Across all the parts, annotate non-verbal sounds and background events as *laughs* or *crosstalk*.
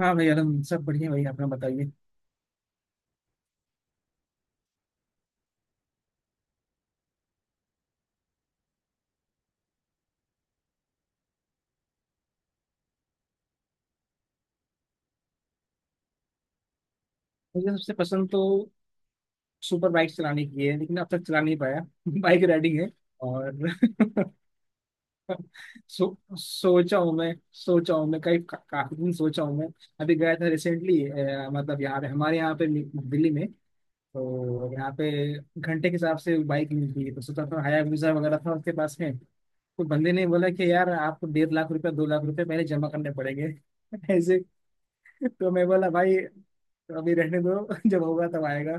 हाँ भाई आलम सब बढ़िया भाई अपना बताइए। मुझे सबसे पसंद तो सुपर बाइक चलाने की है लेकिन अब तक चला नहीं पाया *laughs* बाइक राइडिंग है। और *laughs* सो सोचा हूँ मैं काफी दिन सोचा हूँ मैं। अभी गया था रिसेंटली। मतलब यहाँ पे हमारे दिल्ली में। तो यहाँ पे घंटे के हिसाब से बाइक मिलती है। तो सोचा था हाया वीजा वगैरह था उसके पास में, तो बंदे ने बोला कि यार आपको डेढ़ लाख रुपया दो लाख रुपया पहले जमा करने पड़ेंगे *laughs* ऐसे। तो मैं बोला भाई तो अभी रहने दो *laughs* जब होगा तब आएगा।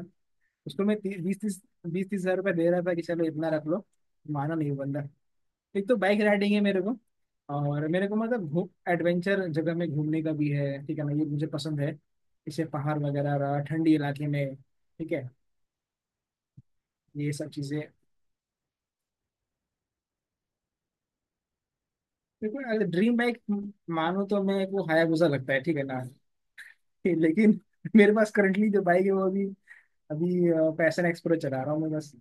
उसको मैं ती, बीस तीस हजार रुपया दे रहा था कि चलो इतना रख लो। माना नहीं वो बंदा। एक तो बाइक राइडिंग है मेरे को। और मेरे को मतलब घूम एडवेंचर जगह में घूमने का भी है, ठीक है ना, ये मुझे पसंद है जैसे पहाड़ वगैरह रहा, ठंडी इलाके में, ठीक है। ये सब चीजें। देखो अगर ड्रीम बाइक मानो तो मैं, वो हायाबुसा लगता है ठीक है ना। *laughs* लेकिन मेरे पास करंटली जो बाइक है, वो अभी अभी पैशन एक्सप्रो चला रहा हूँ मैं बस।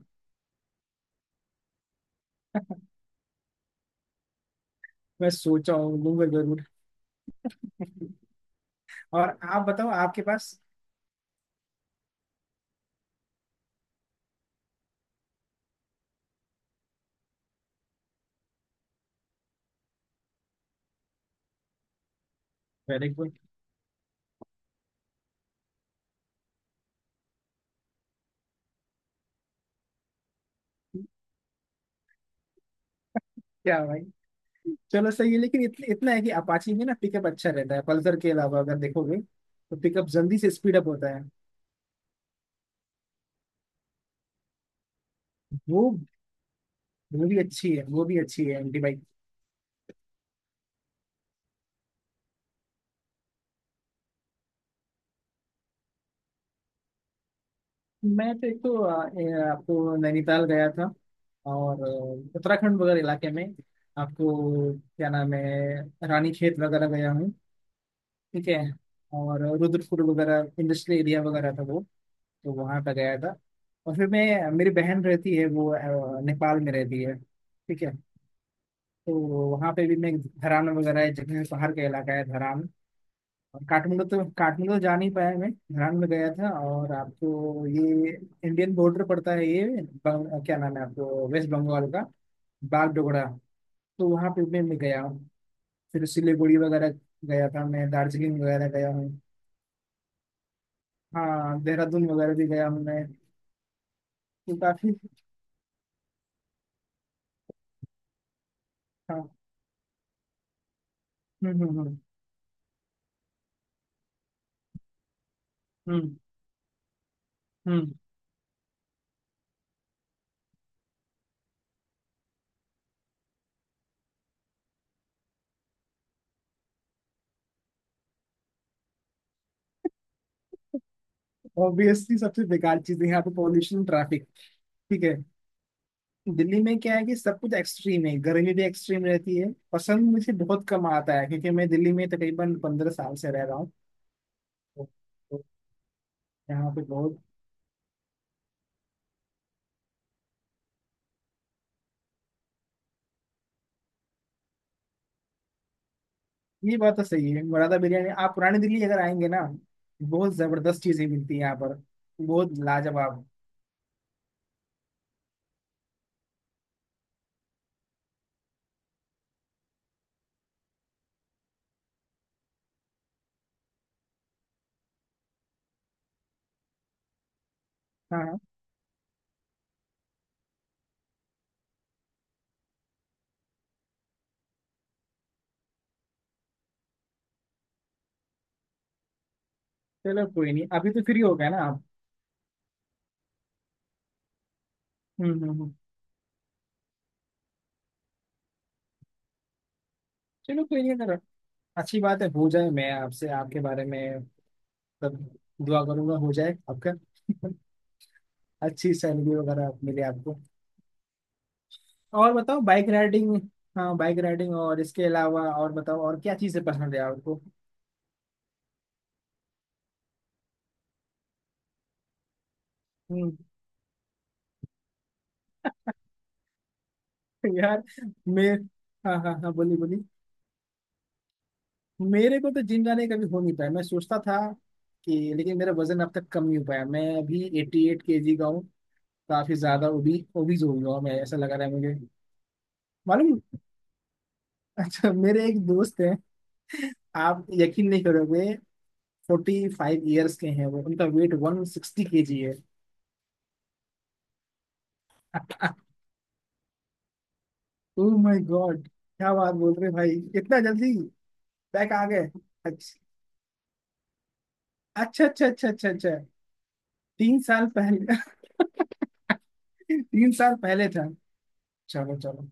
मैं सोचा हूँ लूंगा जरूर। *laughs* और आप बताओ आपके पास। Very good. क्या भाई। चलो सही है लेकिन इतना है कि अपाची में ना पिकअप अच्छा रहता है, पल्सर के अलावा अगर देखोगे तो पिकअप जल्दी से स्पीड अप होता है। वो वो भी अच्छी है, वो भी अच्छी है एमटी बाइक। मैं तो एक तो आपको नैनीताल गया था। और उत्तराखंड वगैरह इलाके में, आपको क्या नाम है, रानीखेत वगैरह गया हूँ ठीक है। और रुद्रपुर वगैरह इंडस्ट्रियल एरिया वगैरह था वो, तो वहाँ पे गया था। और फिर मैं, मेरी बहन रहती है वो नेपाल में रहती है ठीक है। तो वहाँ पे भी मैं धरान वगैरह, एक जगह है, पहाड़ का इलाका है धरान। और काठमांडू तो जा नहीं पाया, मैं धरान में गया था। और आपको ये इंडियन बॉर्डर पड़ता है ये क्या नाम है, आपको वेस्ट बंगाल का बागडोगरा। तो वहां पे मैं भी गया हूँ। फिर सिलीगुड़ी वगैरह गया था मैं, दार्जिलिंग वगैरह गया हूँ। हाँ देहरादून वगैरह भी गया हूँ मैं। तो काफी। हाँ। हम्म। हम्म हम्म। ऑब्वियसली सबसे बेकार चीज है यहाँ पे पॉल्यूशन ट्रैफिक। ठीक है। दिल्ली में क्या है कि सब कुछ एक्सट्रीम है, गर्मी भी एक्सट्रीम रहती है, पसंद मुझे बहुत कम आता है क्योंकि मैं दिल्ली में तकरीबन पंद्रह साल से रह रहा हूँ। तो- तो यहाँ पे बहुत। ये बात तो सही है, मुरादा बिरयानी, आप पुरानी दिल्ली अगर आएंगे ना, बहुत जबरदस्त चीजें मिलती हैं यहाँ पर। बहुत लाजवाब। हाँ हाँ चलो कोई नहीं, अभी तो फ्री हो गए ना आप। हम्म हम्म हम्म। चलो कोई नहीं, अगर अच्छी बात है हो जाए, मैं आपसे आपके बारे में सब दुआ करूंगा, हो जाए आपका। *laughs* अच्छी सैलरी वगैरह आप मिले आपको। और बताओ बाइक राइडिंग। हाँ बाइक राइडिंग, और इसके अलावा और बताओ, और क्या चीजें पसंद है आपको। हम्म। *laughs* यार मैं, हाँ हाँ हाँ बोलिए बोलिए। मेरे को तो जिम जाने का कभी हो नहीं पाया, मैं सोचता था कि, लेकिन मेरा वजन अब तक कम नहीं हो पाया, मैं अभी एटी एट के जी का हूँ। काफी ज्यादा ओबीज हो गया हूँ मैं, ऐसा लगा रहा है मुझे मालूम। *laughs* अच्छा मेरे एक दोस्त हैं, आप यकीन नहीं करोगे, फोर्टी फाइव ईयर्स के हैं वो, उनका weight one sixty K G है। *laughs* ओ माय गॉड, क्या बात बोल रहे हैं भाई, इतना जल्दी बैक आ गए। अच्छा अच्छा अच्छा अच्छा अच्छा अच्छा। तीन साल पहले। *laughs* तीन साल पहले था। चलो चलो।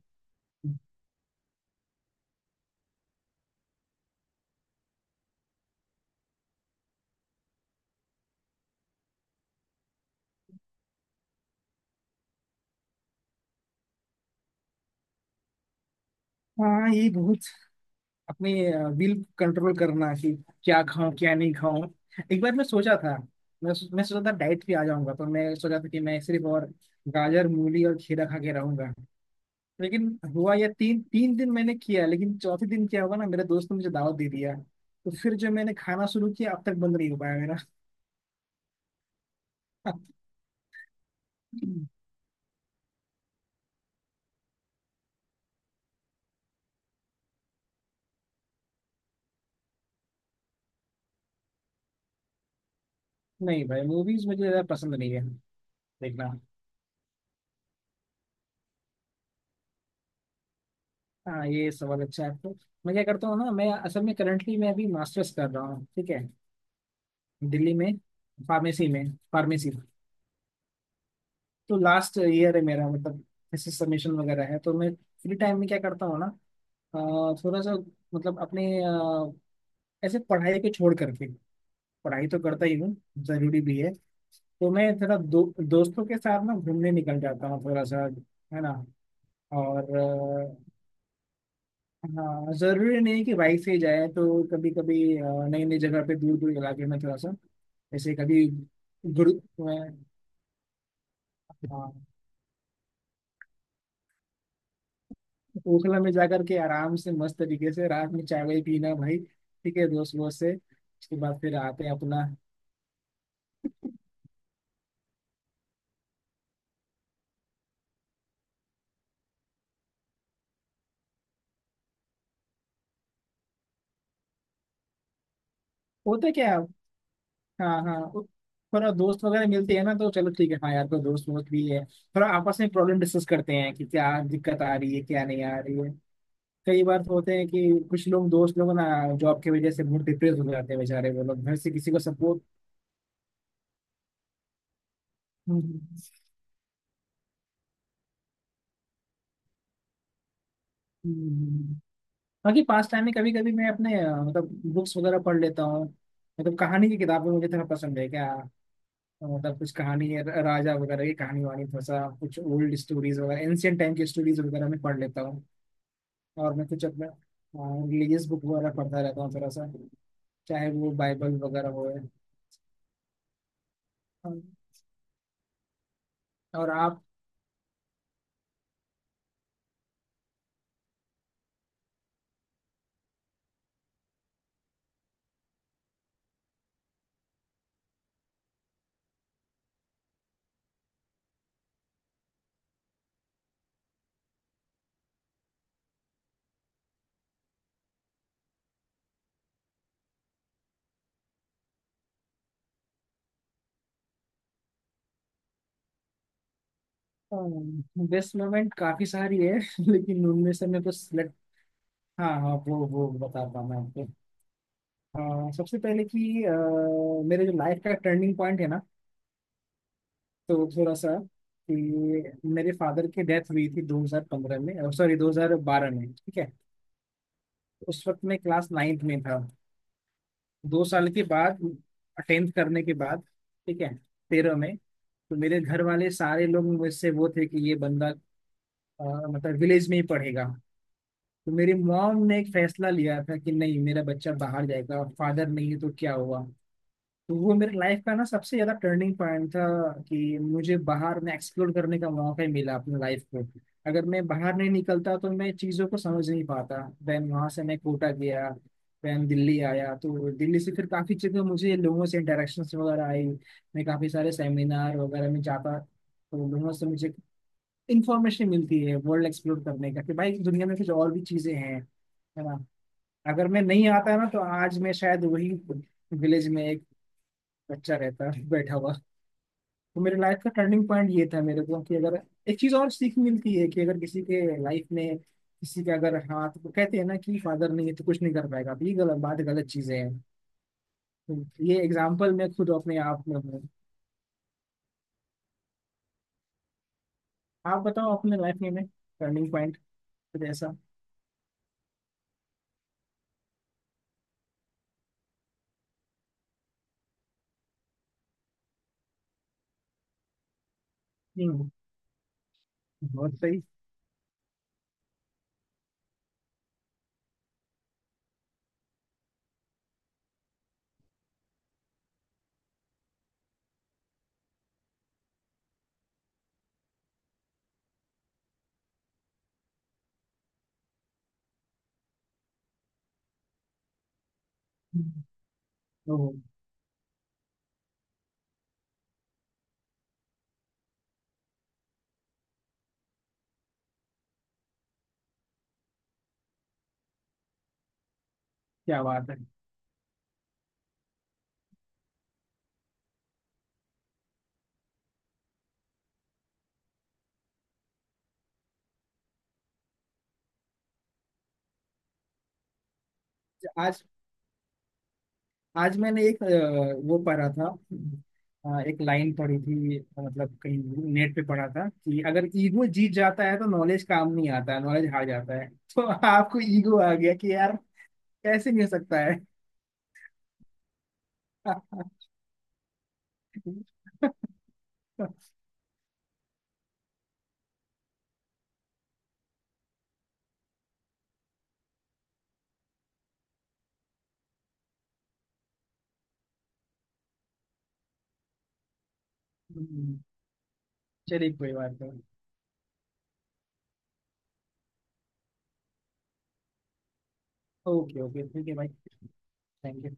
हाँ ये बहुत, अपने विल कंट्रोल करना कि क्या खाऊं क्या नहीं खाऊं। एक बार मैं सोचा था, मैं सोचा था डाइट पे आ जाऊंगा, पर मैं सोचा था कि मैं सिर्फ और गाजर मूली और खीरा खा के रहूंगा। लेकिन हुआ यह, तीन तीन दिन मैंने किया, लेकिन चौथे दिन क्या हुआ ना, मेरे दोस्त ने मुझे दावत दे दिया। तो फिर जो मैंने खाना शुरू किया, अब तक बंद नहीं हो पाया मेरा। *laughs* नहीं भाई मूवीज मुझे ज्यादा पसंद नहीं है देखना। हाँ ये सवाल अच्छा है आपको। मैं क्या करता हूँ ना, मैं असल में करंटली मैं अभी मास्टर्स कर रहा हूँ ठीक है। दिल्ली में, फार्मेसी में, फार्मेसी। तो लास्ट ईयर है मेरा, मतलब ऐसे सबमिशन वगैरह है। तो मैं फ्री टाइम में क्या करता हूँ ना, अ, थोड़ा सा, मतलब अपने ऐसे पढ़ाई को छोड़ करके, पढ़ाई तो करता ही हूँ, जरूरी भी है। तो मैं थोड़ा दोस्तों के साथ ना घूमने निकल जाता हूँ थोड़ा सा, है ना। और हाँ जरूरी नहीं कि बाइक से ही जाए, तो कभी कभी नई नई जगह पे, दूर दूर इलाके में थोड़ा सा। जैसे कभी गुरु अ, हाँ, ओखला में जाकर के आराम से मस्त तरीके से रात में चाय वाय पीना भाई, ठीक है, दोस्त वोस्त से, उसके बाद फिर आते हैं अपना। होता क्या है क्या। हाँ हाँ थोड़ा दोस्त वगैरह मिलते हैं ना, तो चलो ठीक है, हाँ यार कोई दोस्त वोस्त भी है, थोड़ा आपस में प्रॉब्लम डिस्कस करते हैं कि क्या दिक्कत आ रही है, क्या नहीं आ रही है। कई बार तो होते हैं कि कुछ लोग, दोस्त लोग ना जॉब की वजह से बहुत डिप्रेस हो जाते हैं बेचारे, वो लोग घर से किसी को सपोर्ट। बाकी पास टाइम में कभी कभी मैं अपने मतलब बुक्स वगैरह पढ़ लेता हूँ, मतलब कहानी की किताबें मुझे थोड़ा पसंद है क्या। मतलब कुछ कहानी है, राजा वगैरह की कहानी वानी, थोड़ा सा कुछ ओल्ड स्टोरीज वगैरह, एंशियंट टाइम की स्टोरीज वगैरह मैं पढ़ लेता हूँ। और मैं कुछ अपना रिलीजियस बुक वगैरह पढ़ता रहता हूँ थोड़ा सा, चाहे वो बाइबल वगैरह हो। अ, और आप। बेस्ट मोमेंट काफी सारी है *laughs* लेकिन उनमें से मैं कुछ हाँ हाँ वो, बताता हूँ मैं आपको। सबसे पहले कि मेरे जो लाइफ का टर्निंग पॉइंट है ना, तो थोड़ा सा, कि मेरे फादर की डेथ हुई थी 2015 में, सॉरी 2012 में, ठीक है। उस वक्त मैं क्लास नाइन्थ में था। दो साल के बाद टेंथ करने के बाद, ठीक है, तेरह में, तो मेरे घर वाले सारे लोग मुझसे वो थे कि ये बंदा अ, मतलब विलेज में ही पढ़ेगा। तो मेरी मॉम ने एक फैसला लिया था कि नहीं, मेरा बच्चा बाहर जाएगा, फादर नहीं है तो क्या हुआ। तो वो मेरे लाइफ का ना सबसे ज्यादा टर्निंग पॉइंट था, कि मुझे बाहर में एक्सप्लोर करने का मौका ही मिला अपनी लाइफ को। अगर मैं बाहर नहीं निकलता तो मैं चीज़ों को समझ नहीं पाता। देन वहाँ से मैं कोटा गया, देन दिल्ली आया, तो दिल्ली से फिर काफ़ी जगह मुझे लोगों से इंटरेक्शंस वगैरह आई। मैं काफ़ी सारे सेमिनार वगैरह में जाता, तो लोगों से मुझे इंफॉर्मेशन मिलती है, वर्ल्ड एक्सप्लोर करने का, कि भाई इस दुनिया में कुछ और भी चीजें हैं, है ना। अगर मैं नहीं आता ना, तो आज मैं शायद वही विलेज में एक बच्चा रहता बैठा हुआ। तो मेरे लाइफ का टर्निंग पॉइंट ये था मेरे को, कि अगर एक चीज और सीख मिलती है कि अगर किसी के लाइफ में किसी का अगर हाथ, तो कहते हैं ना कि फादर नहीं है तो कुछ नहीं कर पाएगा, तो ये गलत बात, गलत चीजें हैं। तो ये एग्जाम्पल मैं खुद अपने आप में हूँ। आप बताओ अपने लाइफ में टर्निंग पॉइंट कुछ ऐसा। हम्म। बहुत सही। हम्म, ओह क्या बात है। आज आज मैंने एक वो पढ़ा था, एक लाइन पढ़ी थी, मतलब कहीं नेट पे पढ़ा था, कि अगर ईगो जीत जाता है तो नॉलेज काम नहीं आता है, नॉलेज हार जाता है। तो आपको ईगो आ गया कि यार कैसे नहीं हो सकता है। *laughs* चलिए कोई बात नहीं। ओके ओके ठीक है भाई। Thank you.